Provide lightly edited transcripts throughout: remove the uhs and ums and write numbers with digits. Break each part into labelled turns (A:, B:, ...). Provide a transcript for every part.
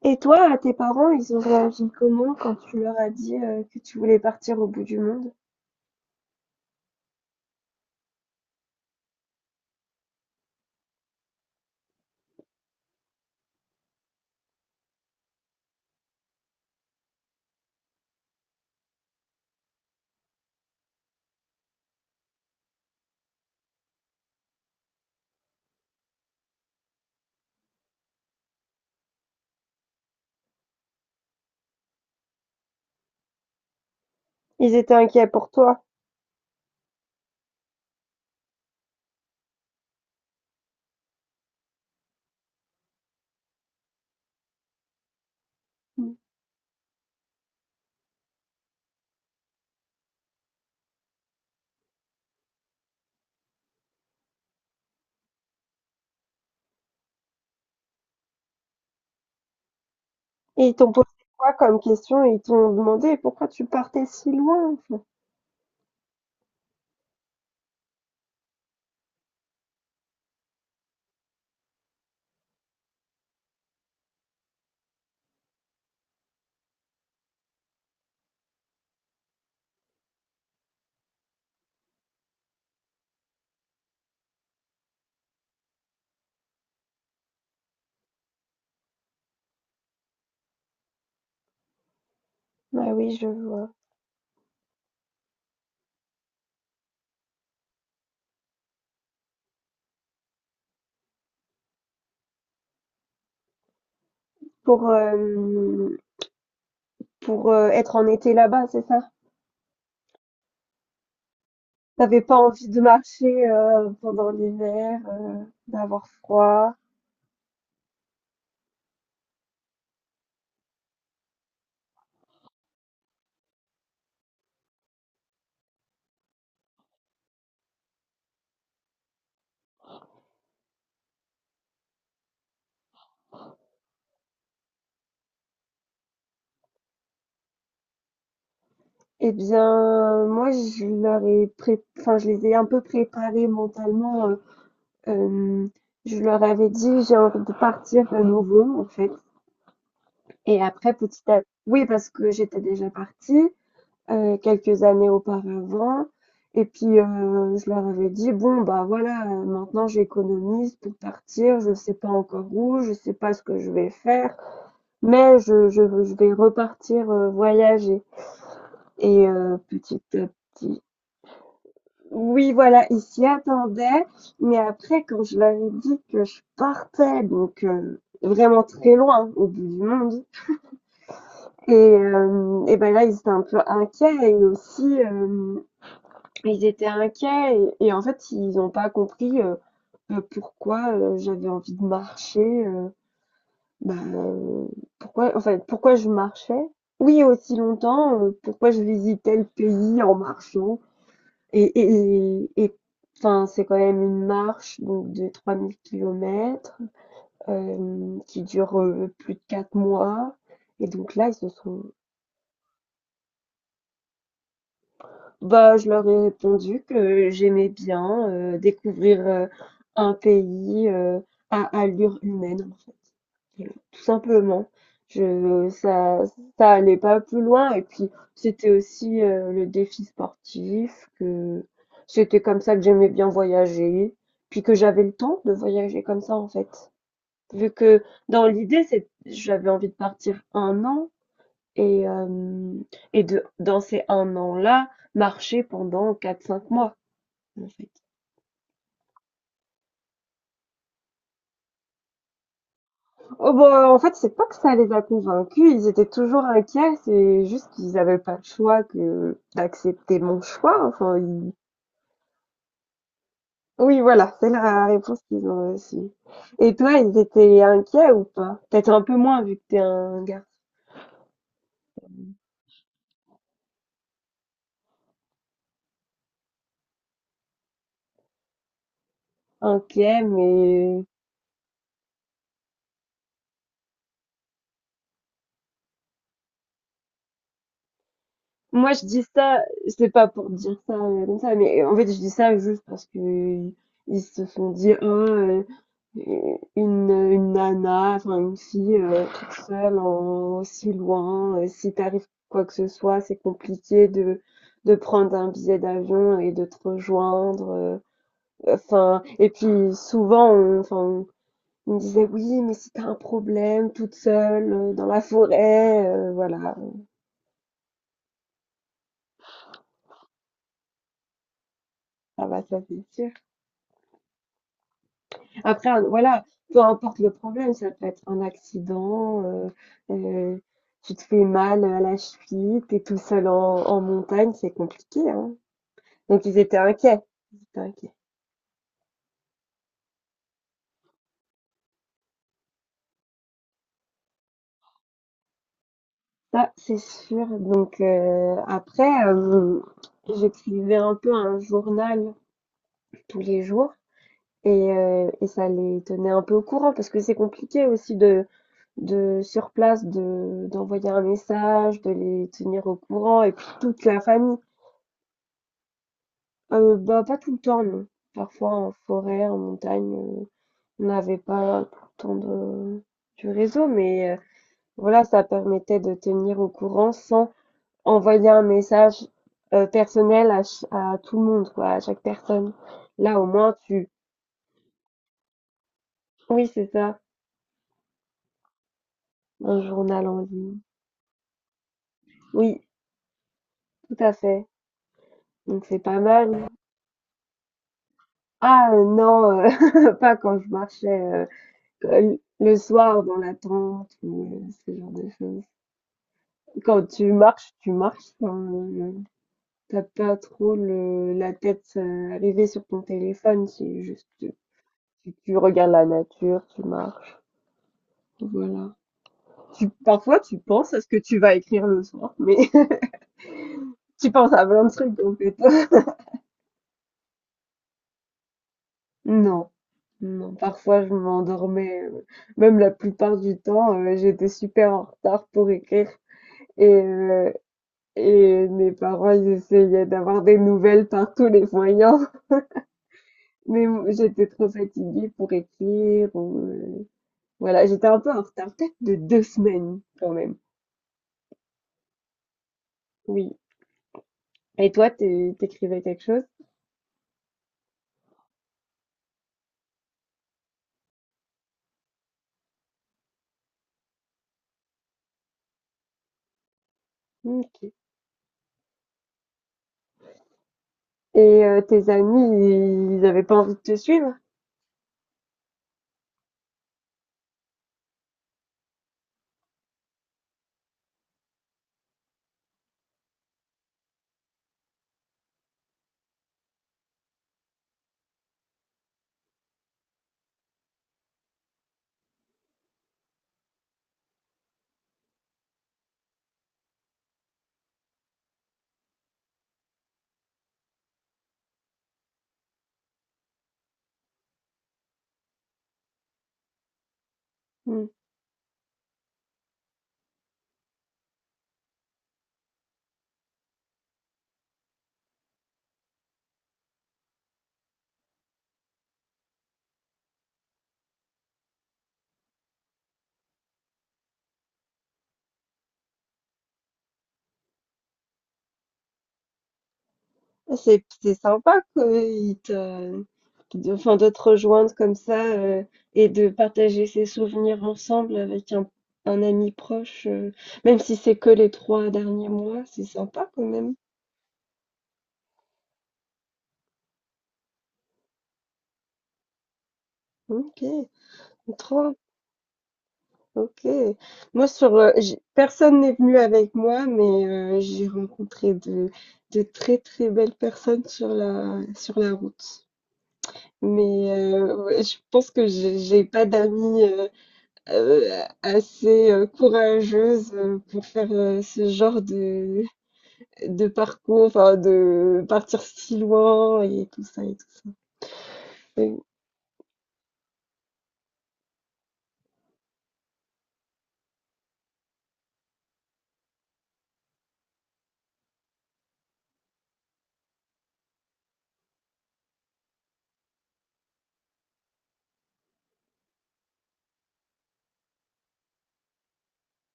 A: Et toi, tes parents, ils ont réagi comment quand tu leur as dit que tu voulais partir au bout du monde? Ils étaient inquiets pour toi. Mm. Et ils t'ont posé quoi comme question? Ils t'ont demandé pourquoi tu partais si loin, enfin. Ah oui, je vois. Pour, euh, pour être en été là-bas, c'est ça? T'avais pas envie de marcher pendant l'hiver, d'avoir froid. Eh bien, moi, je leur ai pré... enfin, je les ai un peu préparés mentalement. Euh, Hem, je leur avais dit: «J'ai envie de partir à nouveau», en fait. Et après petit à oui, parce que j'étais déjà partie, quelques années auparavant. Et puis, je leur avais dit: «Bon, bah, voilà, maintenant j'économise pour partir, je sais pas encore où, je sais pas ce que je vais faire, mais je vais repartir, voyager». Et petit à petit. Oui, voilà, ils s'y attendaient. Mais après, quand je leur ai dit que je partais, donc vraiment très loin, au bout du monde, et ben là, ils étaient un peu inquiets et aussi, ils étaient inquiets et en fait, ils n'ont pas compris pourquoi j'avais envie de marcher. Bah, pourquoi, en fait, pourquoi je marchais? Oui, aussi longtemps, pourquoi je visitais le pays en marchant. Et et et enfin, c'est quand même une marche donc de 3 000 kilomètres, qui dure, plus de 4 mois. Et donc là, ils se sont. Bah, je leur ai répondu que j'aimais bien, découvrir, un pays, à allure humaine, en fait. Tout simplement. Je, ça, ça allait pas plus loin. Et puis, c'était aussi le défi sportif, que c'était comme ça que j'aimais bien voyager, puis que j'avais le temps de voyager comme ça, en fait. Vu que dans l'idée, c'est, j'avais envie de partir un an et, euh, et de, dans ces un an-là, marcher pendant quatre cinq mois, en fait. Oh bah, en fait, c'est pas que ça les a convaincus, ils étaient toujours inquiets, c'est juste qu'ils avaient pas le choix que d'accepter mon choix, enfin, ils. Oui, voilà, c'est la réponse qu'ils ont reçue. Et toi, ils étaient inquiets ou pas? Peut-être un peu moins vu que t'es un garçon inquiet, mais. Moi, je dis ça, c'est pas pour dire ça comme ça, mais en fait, je dis ça juste parce que ils se font dire, Ah, une nana, enfin une fille toute seule, en, aussi loin, si t'arrive quoi que ce soit, c'est compliqué de prendre un billet d'avion et de te rejoindre. Enfin, et puis souvent, enfin, on me disait, oui, mais si t'as un problème toute seule, dans la forêt, voilà, ça va, ça c'est sûr. Après, voilà, peu importe le problème, ça peut être un accident, euh, tu te fais mal à la cheville, t'es tout seul en montagne, c'est compliqué, hein. Donc ils étaient inquiets. Ils étaient inquiets. Ça, c'est sûr. Donc après, j'écrivais un peu un journal tous les jours, et, et ça les tenait un peu au courant parce que c'est compliqué aussi de sur place de d'envoyer un message, de les tenir au courant et puis toute la famille. Bah, pas tout le temps, non. Parfois en forêt, en montagne, on n'avait pas tout le temps de du réseau, mais voilà, ça permettait de tenir au courant sans envoyer un message, personnel à tout le monde, quoi, à chaque personne. Là, au moins, tu. Oui, c'est ça, un journal en ligne. Oui, tout à fait, donc c'est pas mal. Ah, non, pas quand je marchais, le soir dans la tente ou ce genre de choses. Quand tu marches, enfin, tu pas trop le la tête, rêvée sur ton téléphone, c'est juste, tu regardes la nature, tu marches, voilà. Tu Parfois, tu penses à ce que tu vas écrire le soir, mais tu penses à plein de trucs en fait. Non, non, parfois je m'endormais, même la plupart du temps, j'étais super en retard pour écrire et heu et mes parents, ils essayaient d'avoir des nouvelles par tous les moyens. Mais j'étais trop fatiguée pour écrire. Ou, voilà, j'étais un peu en retard, peut-être de 2 semaines quand même. Oui. Et toi, t'écrivais quelque chose? Ok. Et tes amis, ils avaient pas envie de te suivre? Hmm. Ah, c'est sympa enfin, de te rejoindre comme ça, et de partager ses souvenirs ensemble avec un ami proche, même si c'est que les 3 derniers mois, c'est sympa quand même. Ok, trop OK. Moi sur, j'ai personne n'est venu avec moi, mais j'ai rencontré de très, très belles personnes sur la route. Mais ouais, je pense que j'ai pas d'amis, heu, assez, courageuses, pour faire, ce genre de parcours, enfin de partir si loin et tout ça et tout ça. Oui,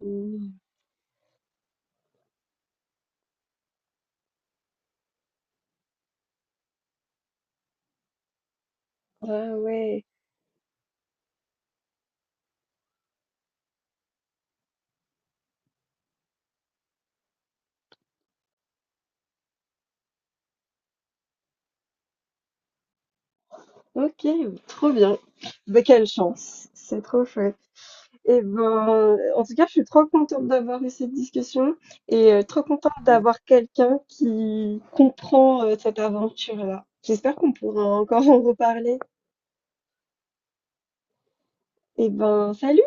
A: mmh. Ah ouais. OK, trop bien. Bah, quelle chance, c'est trop chouette. Et ben, en tout cas, je suis trop contente d'avoir eu cette discussion et trop contente d'avoir quelqu'un qui comprend, cette aventure-là. J'espère qu'on pourra encore en reparler. Et ben, salut!